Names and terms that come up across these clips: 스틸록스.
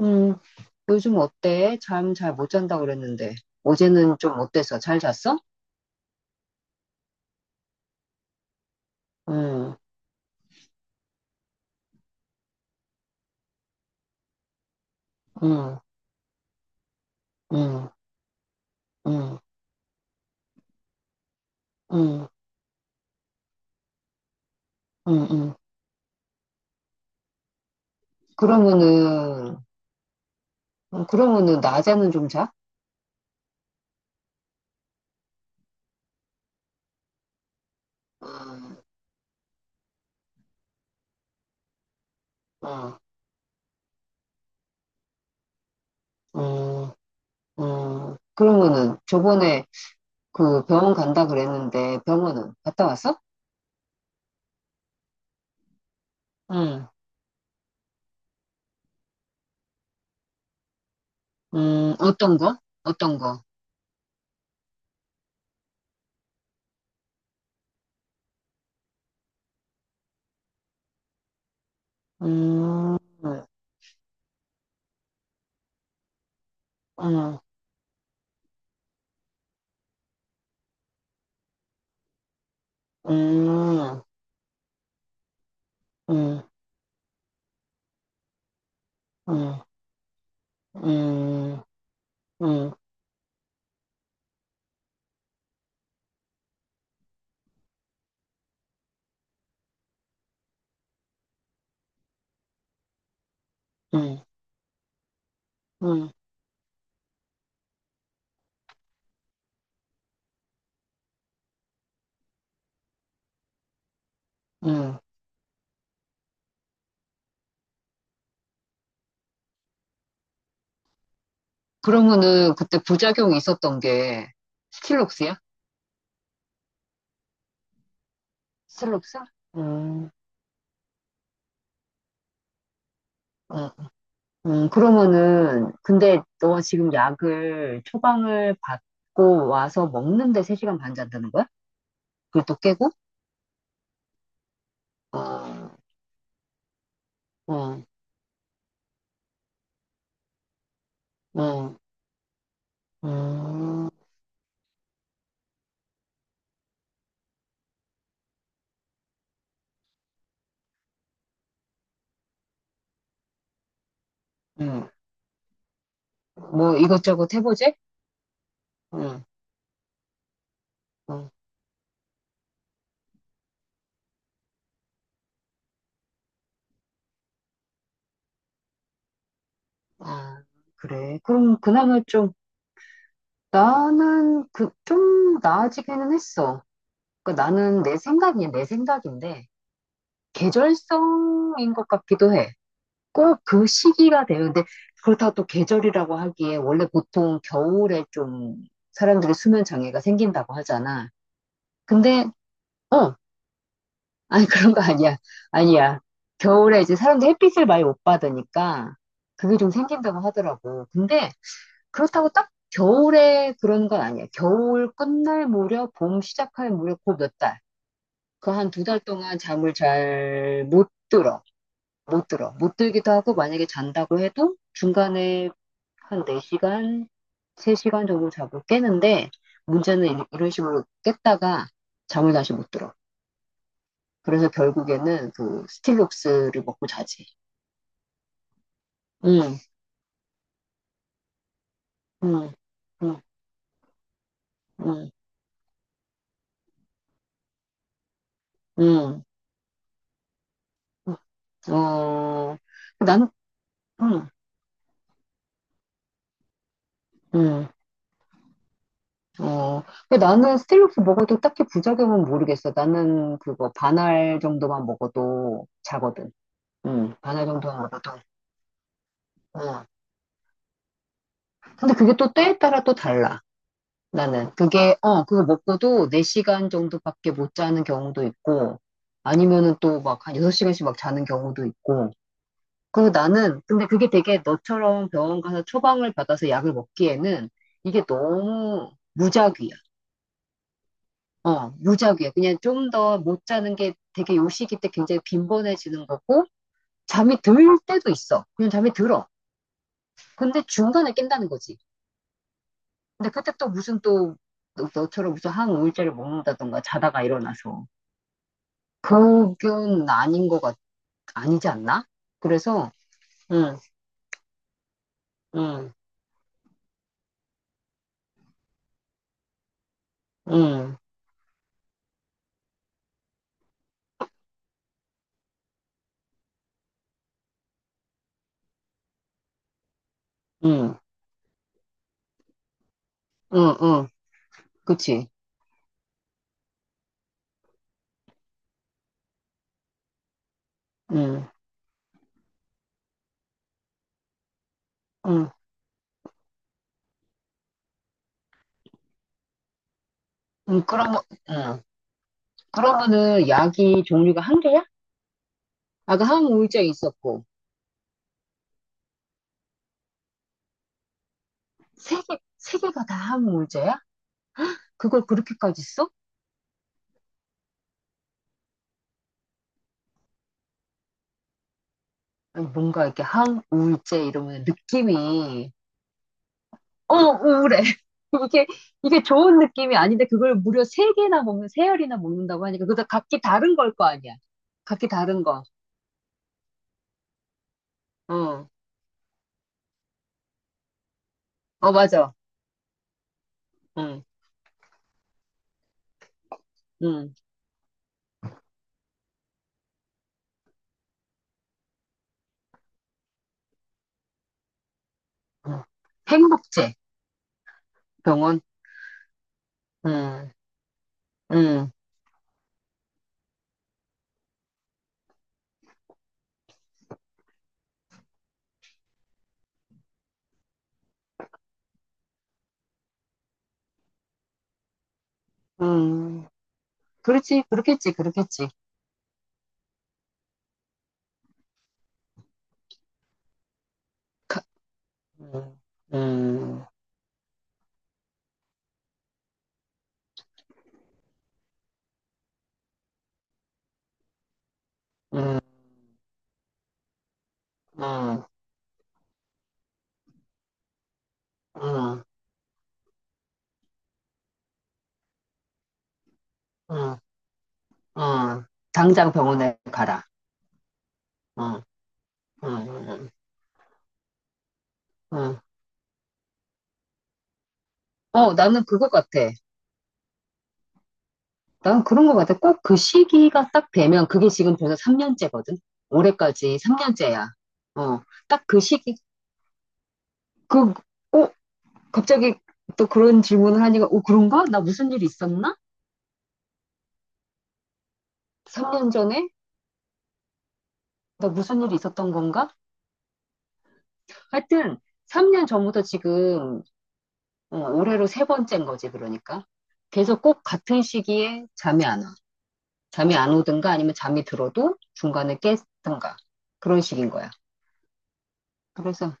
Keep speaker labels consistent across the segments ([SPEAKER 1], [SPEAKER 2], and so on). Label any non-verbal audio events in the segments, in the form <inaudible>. [SPEAKER 1] 음, 요즘 어때? 잠 잘 못 잔다 그랬는데. 어제는 좀 어때서? 잘 잤어? 음, 음, 음, 음, 음, 음, 음. 그러면은, 그러면은 낮에는 좀 자? 음, 음, 음, 그러면은 저번에 그 병원 간다 그랬는데 병원은 갔다 왔어? 음, 어떤 거? 어떤 거? 음, 음, 음, 음, 음, 음, 음, 음. 음, 음. 그러면은 그때 부작용이 있었던 게 스틸록스야? 스틸록스? 음, 음, 그러면은 근데 너 지금 약을 처방을 받고 와서 먹는데 3시간 반 잔다는 거야? 그걸 또 깨고? 어, 어, 어, 음, 음. 뭐 이것저것 해보지? 응, 응, 아, 그래. 그럼 그나마 좀 나는 그 좀 나아지기는 했어. 그러니까 나는 내 생각이 내 생각인데 계절성인 것 같기도 해. 꼭 그 시기가 돼요. 근데 그렇다고 또 계절이라고 하기에 원래 보통 겨울에 좀 사람들이 수면 장애가 생긴다고 하잖아. 근데 어, 아니 <laughs> 그런 거 아니야. 아니야. 겨울에 이제 사람들이 햇빛을 많이 못 받으니까 그게 좀 생긴다고 하더라고. 근데 그렇다고 딱 겨울에 그런 건 아니야. 겨울 끝날 무렵, 봄 시작할 무렵, 그 몇 달. 그 한 두 달 동안 잠을 잘 못 들어. 못 들어. 못 들기도 하고 만약에 잔다고 해도 중간에 한 4시간, 3시간 정도 자고 깨는데 문제는 이런 식으로 깼다가 잠을 다시 못 들어. 그래서 결국에는 그 스틸록스를 먹고 자지. 응, 응, 응, 응, 응. 응. 어, 난, 응, 응, 어. 근데 나는 스틸록스 먹어도 딱히 부작용은 모르겠어. 나는 그거 반알 정도만 먹어도 자거든. 응, 반알 정도만 먹어도. 응. 근데 그게 또 때에 따라 또 달라. 나는 그게 어 그거 먹고도 4시간 정도밖에 못 자는 경우도 있고 아니면은 또 막 한 6시간씩 막 자는 경우도 있고. 그리고 나는 근데 그게 되게 너처럼 병원 가서 처방을 받아서 약을 먹기에는 이게 너무 무작위야. 어, 무작위야. 그냥 좀 더 못 자는 게 되게 요 시기 때 굉장히 빈번해지는 거고 잠이 들 때도 있어. 그냥 잠이 들어. 근데 중간에 깬다는 거지. 근데 그때 또 무슨 또 처럼 무슨 한 5일짜를 먹는다던가 자다가 일어나서 그건 아닌 것 아니지 않나? 그래서 응, 응, 응, 응, 응, 응, 그치? 응, 응, 응, 그러면, 응. 그러면은 약이 종류가 한 개야? 아까 항우울제 있었고 세 개, 세 개가 다 항우울제야? 그걸 그렇게까지 써? 아니, 뭔가 이렇게 항우울제 이러면 느낌이 어, 우울해. <laughs> 이게, 이게 좋은 느낌이 아닌데, 그걸 무려 세개나 먹는, 세알이나 먹는다고 하니까, 그것 각기 다른 걸 거 아니야. 각기 다른 거. 어, 어, 맞아. 응, 응, 응. 행복제, 병원. 응, 응, 응. 그렇지, 그렇겠지, 그렇겠지. 가- 응, 응, 응, 응, 응, 응, 응. 당장 병원에 가라. 응, 응, 응, 응. 어, 나는 그거 같아. 난 그런 것 같아. 꼭 그 시기가 딱 되면, 그게 지금 벌써 3년째거든? 올해까지 3년째야. 어, 딱 그 시기, 그, 어, 갑자기 또 그런 질문을 하니까, 어, 그런가? 나 무슨 일이 있었나? 3년 전에? 나 무슨 일이 있었던 건가? 하여튼, 3년 전부터 지금, 어, 올해로 세 번째인 거지, 그러니까. 계속 꼭 같은 시기에 잠이 안 와. 잠이 안 오든가 아니면 잠이 들어도 중간에 깼든가. 그런 식인 거야. 그래서,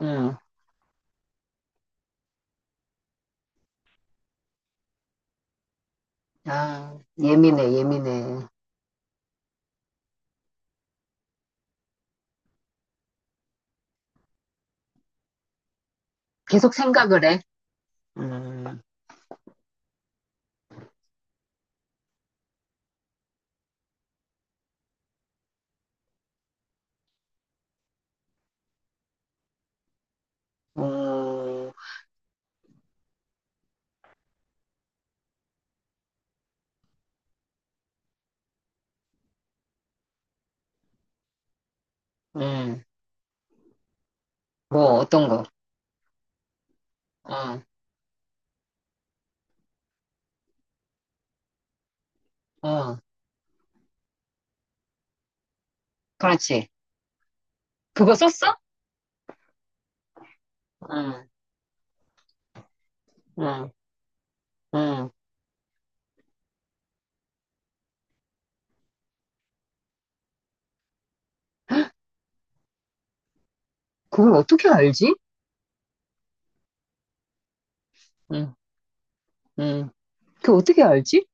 [SPEAKER 1] 음, 아, 예민해, 예민해. 계속 생각을 해. 음, 음, 음, 뭐, 어떤 거. 어, 어, 그렇지. 그거 썼어? 응, 응, 응. 그걸 어떻게 알지? 응, 응. 그걸 어떻게 알지?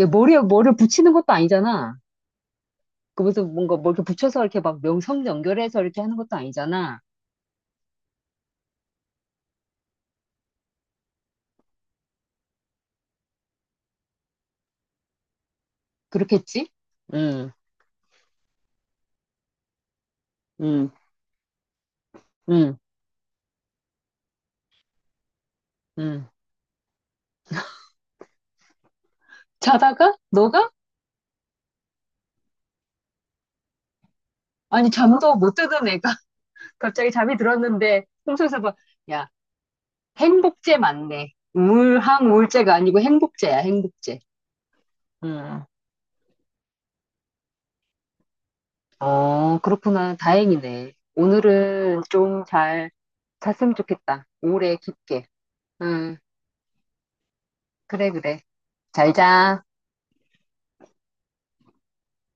[SPEAKER 1] 얘 머리에 뭐를 붙이는 것도 아니잖아. 그것도 뭔가 뭘 이렇게 붙여서 이렇게 막 명성 연결해서 이렇게 하는 것도 아니잖아. 그렇겠지? 응, 응, 응, 응. 자다가? 너가? 아니, 잠도 못 드던 애가. 갑자기 잠이 들었는데 꿈속에서 봐. 야, 행복제 맞네. 우울한 우울제가 아니고 행복제야, 행복제. 음. 어, 그렇구나. 다행이네. 오늘은 좀 잘 잤으면 좋겠다. 오래 깊게. 응, 그래, 그래. 잘 자.